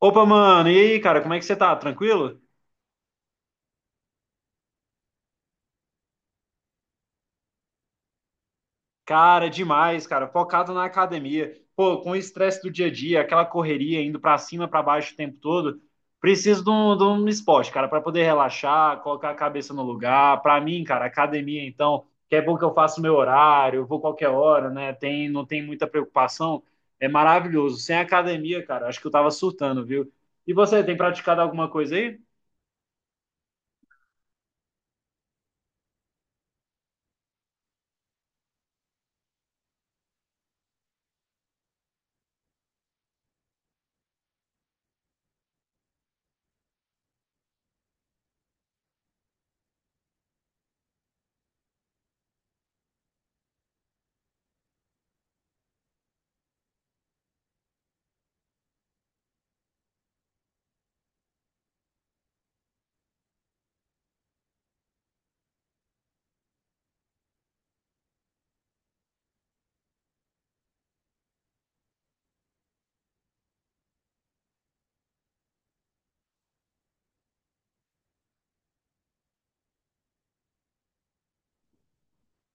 Opa, mano, e aí, cara, como é que você tá? Tranquilo? Cara, demais, cara, focado na academia. Pô, com o estresse do dia a dia, aquela correria indo pra cima, pra baixo o tempo todo, preciso de um esporte, cara, pra poder relaxar, colocar a cabeça no lugar. Pra mim, cara, academia, então, que é bom que eu faço meu horário, eu vou qualquer hora, né? Não tem muita preocupação. É maravilhoso. Sem academia, cara, acho que eu tava surtando, viu? E você, tem praticado alguma coisa aí?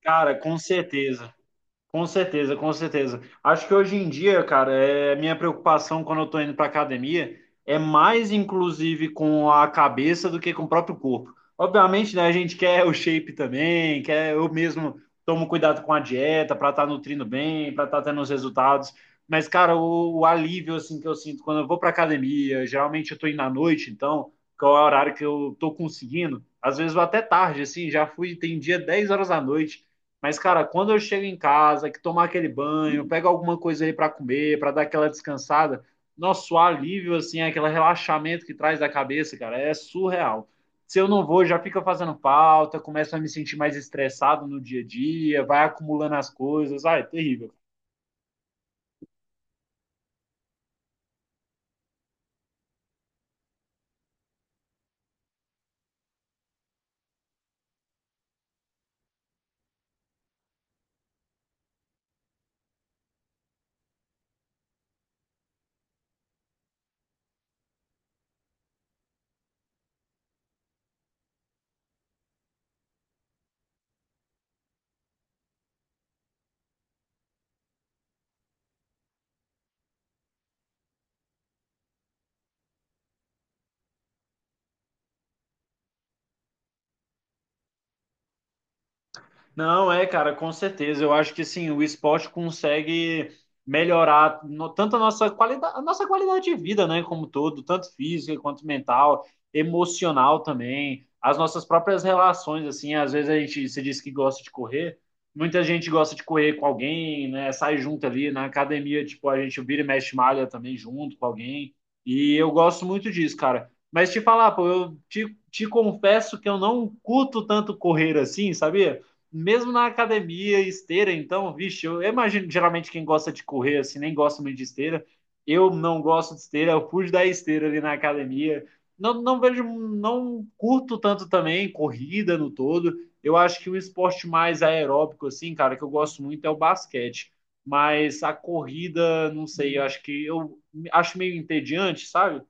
Cara, com certeza. Com certeza, com certeza. Acho que hoje em dia, cara, é minha preocupação quando eu tô indo pra academia é mais inclusive com a cabeça do que com o próprio corpo. Obviamente, né, a gente quer o shape também, quer eu mesmo tomo cuidado com a dieta para estar nutrindo bem, para estar tendo os resultados. Mas, cara, o alívio assim que eu sinto quando eu vou pra academia, geralmente eu tô indo à noite, então, que é o horário que eu tô conseguindo, às vezes vou até tarde assim, já fui, tem dia 10 horas da noite. Mas, cara, quando eu chego em casa, que tomar aquele banho, pego alguma coisa ali para comer, para dar aquela descansada, nosso alívio, assim, é aquele relaxamento que traz da cabeça, cara, é surreal. Se eu não vou, já fica fazendo falta, começo a me sentir mais estressado no dia a dia, vai acumulando as coisas, ah, é terrível. Não, é, cara, com certeza. Eu acho que sim, o esporte consegue melhorar tanto a nossa qualidade de vida, né, como todo, tanto física quanto mental, emocional também, as nossas próprias relações, assim, às vezes a gente se diz que gosta de correr, muita gente gosta de correr com alguém, né, sai junto ali na academia, tipo, a gente vira e mexe malha também junto com alguém, e eu gosto muito disso, cara. Mas te falar, pô, eu te confesso que eu não curto tanto correr assim, sabia? Mesmo na academia, esteira, então, vixe, eu imagino geralmente quem gosta de correr assim, nem gosta muito de esteira. Eu não gosto de esteira, eu fujo da esteira ali na academia. Não vejo, não curto tanto também corrida no todo. Eu acho que um esporte mais aeróbico, assim, cara, que eu gosto muito é o basquete. Mas a corrida, não sei, eu acho que eu acho meio entediante, sabe?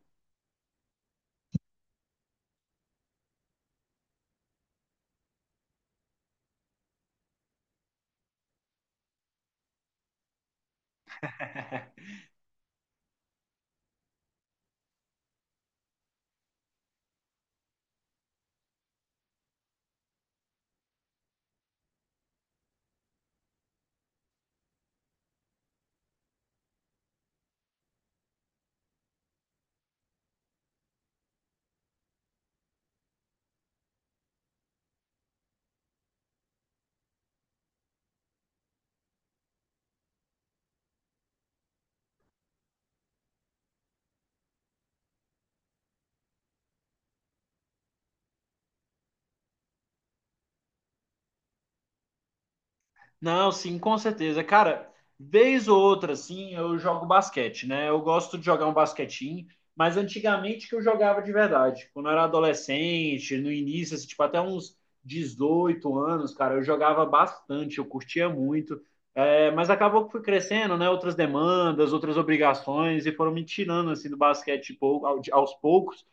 Não, sim, com certeza. Cara, vez ou outra, assim, eu jogo basquete, né? Eu gosto de jogar um basquetinho, mas antigamente que eu jogava de verdade. Quando eu era adolescente, no início, assim, tipo, até uns 18 anos, cara, eu jogava bastante, eu curtia muito. É, mas acabou que fui crescendo, né? Outras demandas, outras obrigações, e foram me tirando, assim, do basquete pou- ao- aos poucos.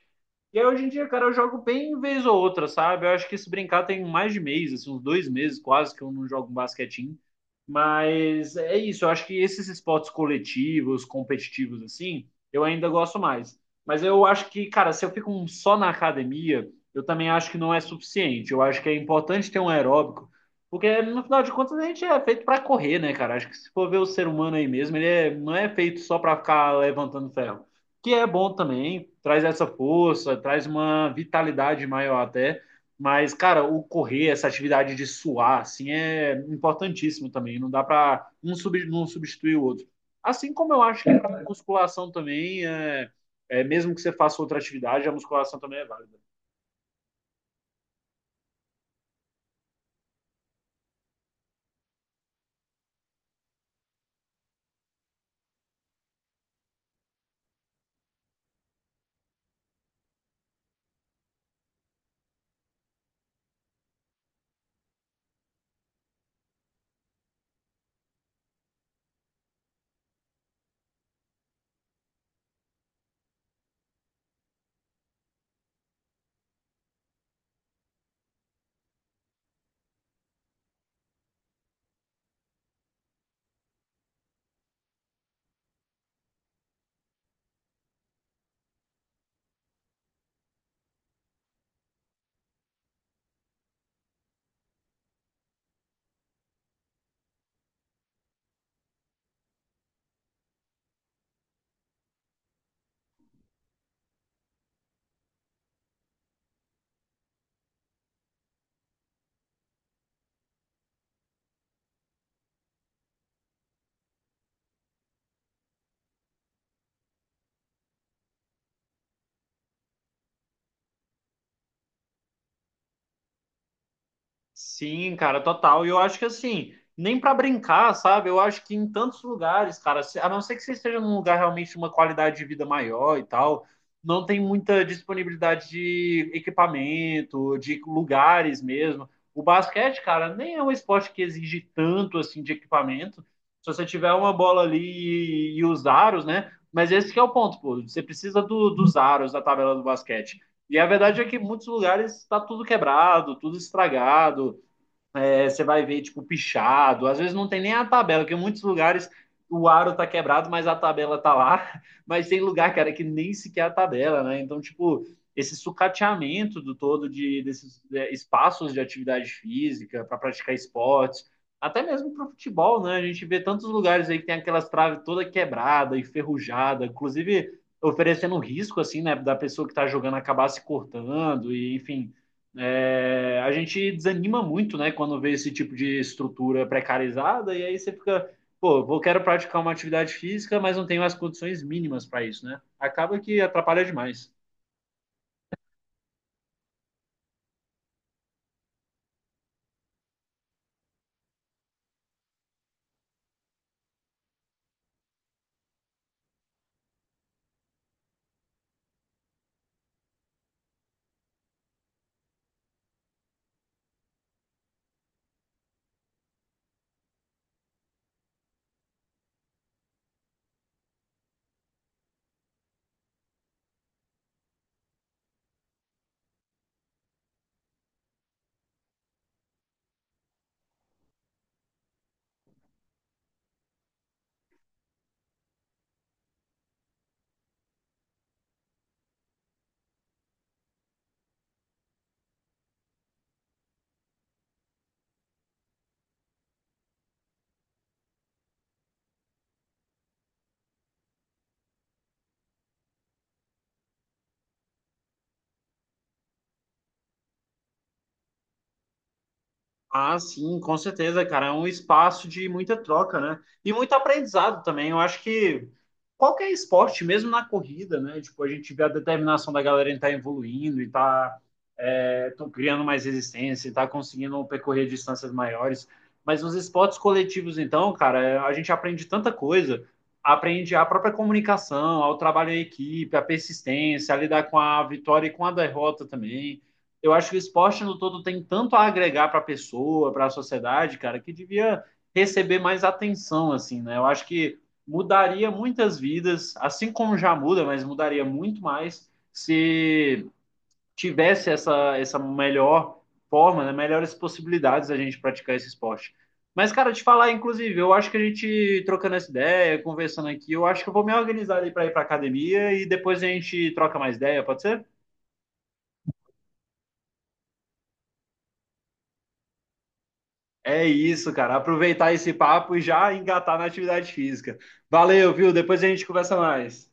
E aí, hoje em dia, cara, eu jogo bem vez ou outra, sabe? Eu acho que se brincar tem mais de mês, assim, uns 2 meses quase que eu não jogo um basquetinho. Mas é isso, eu acho que esses esportes coletivos, competitivos, assim, eu ainda gosto mais. Mas eu acho que, cara, se eu fico só na academia, eu também acho que não é suficiente. Eu acho que é importante ter um aeróbico, porque no final de contas a gente é feito pra correr, né, cara? Acho que se for ver o ser humano aí mesmo, não é feito só pra ficar levantando ferro que é bom também, traz essa força, traz uma vitalidade maior até. Mas, cara, o correr, essa atividade de suar, assim, é importantíssimo também. Não dá para não substituir o outro. Assim como eu acho que para musculação também, mesmo que você faça outra atividade, a musculação também é válida. Sim, cara, total. E eu acho que assim, nem pra brincar, sabe? Eu acho que em tantos lugares, cara, a não ser que você esteja num lugar realmente de uma qualidade de vida maior e tal, não tem muita disponibilidade de equipamento, de lugares mesmo. O basquete, cara, nem é um esporte que exige tanto assim de equipamento. Se você tiver uma bola ali e os aros, né? Mas esse que é o ponto, pô. Você precisa dos aros da tabela do basquete. E a verdade é que em muitos lugares está tudo quebrado, tudo estragado, é, você vai ver, tipo, pichado. Às vezes não tem nem a tabela, porque em muitos lugares o aro tá quebrado, mas a tabela tá lá. Mas tem lugar, cara, que nem sequer a tabela, né? Então, tipo, esse sucateamento do todo desses é, espaços de atividade física para praticar esportes, até mesmo para o futebol, né? A gente vê tantos lugares aí que tem aquelas traves toda quebrada, enferrujada, inclusive oferecendo risco, assim, né, da pessoa que está jogando acabar se cortando, e enfim, é, a gente desanima muito, né, quando vê esse tipo de estrutura precarizada, e aí você fica, pô, vou quero praticar uma atividade física, mas não tenho as condições mínimas para isso, né? Acaba que atrapalha demais. Ah, sim, com certeza, cara. É um espaço de muita troca, né? E muito aprendizado também. Eu acho que qualquer esporte, mesmo na corrida, né? Tipo, a gente vê a determinação da galera em estar evoluindo e tá, é, tão criando mais resistência, e tá conseguindo percorrer distâncias maiores. Mas nos esportes coletivos, então, cara, é, a gente aprende tanta coisa. Aprende a própria comunicação, ao trabalho em equipe, a persistência, a lidar com a vitória e com a derrota também eu acho que o esporte no todo tem tanto a agregar para a pessoa, para a sociedade, cara, que devia receber mais atenção, assim, né? Eu acho que mudaria muitas vidas, assim como já muda, mas mudaria muito mais se tivesse essa melhor forma, né? Melhores possibilidades da gente praticar esse esporte. Mas, cara, te falar, inclusive, eu acho que a gente trocando essa ideia, conversando aqui, eu acho que eu vou me organizar ali para ir para academia e depois a gente troca mais ideia, pode ser? É isso, cara. Aproveitar esse papo e já engatar na atividade física. Valeu, viu? Depois a gente conversa mais.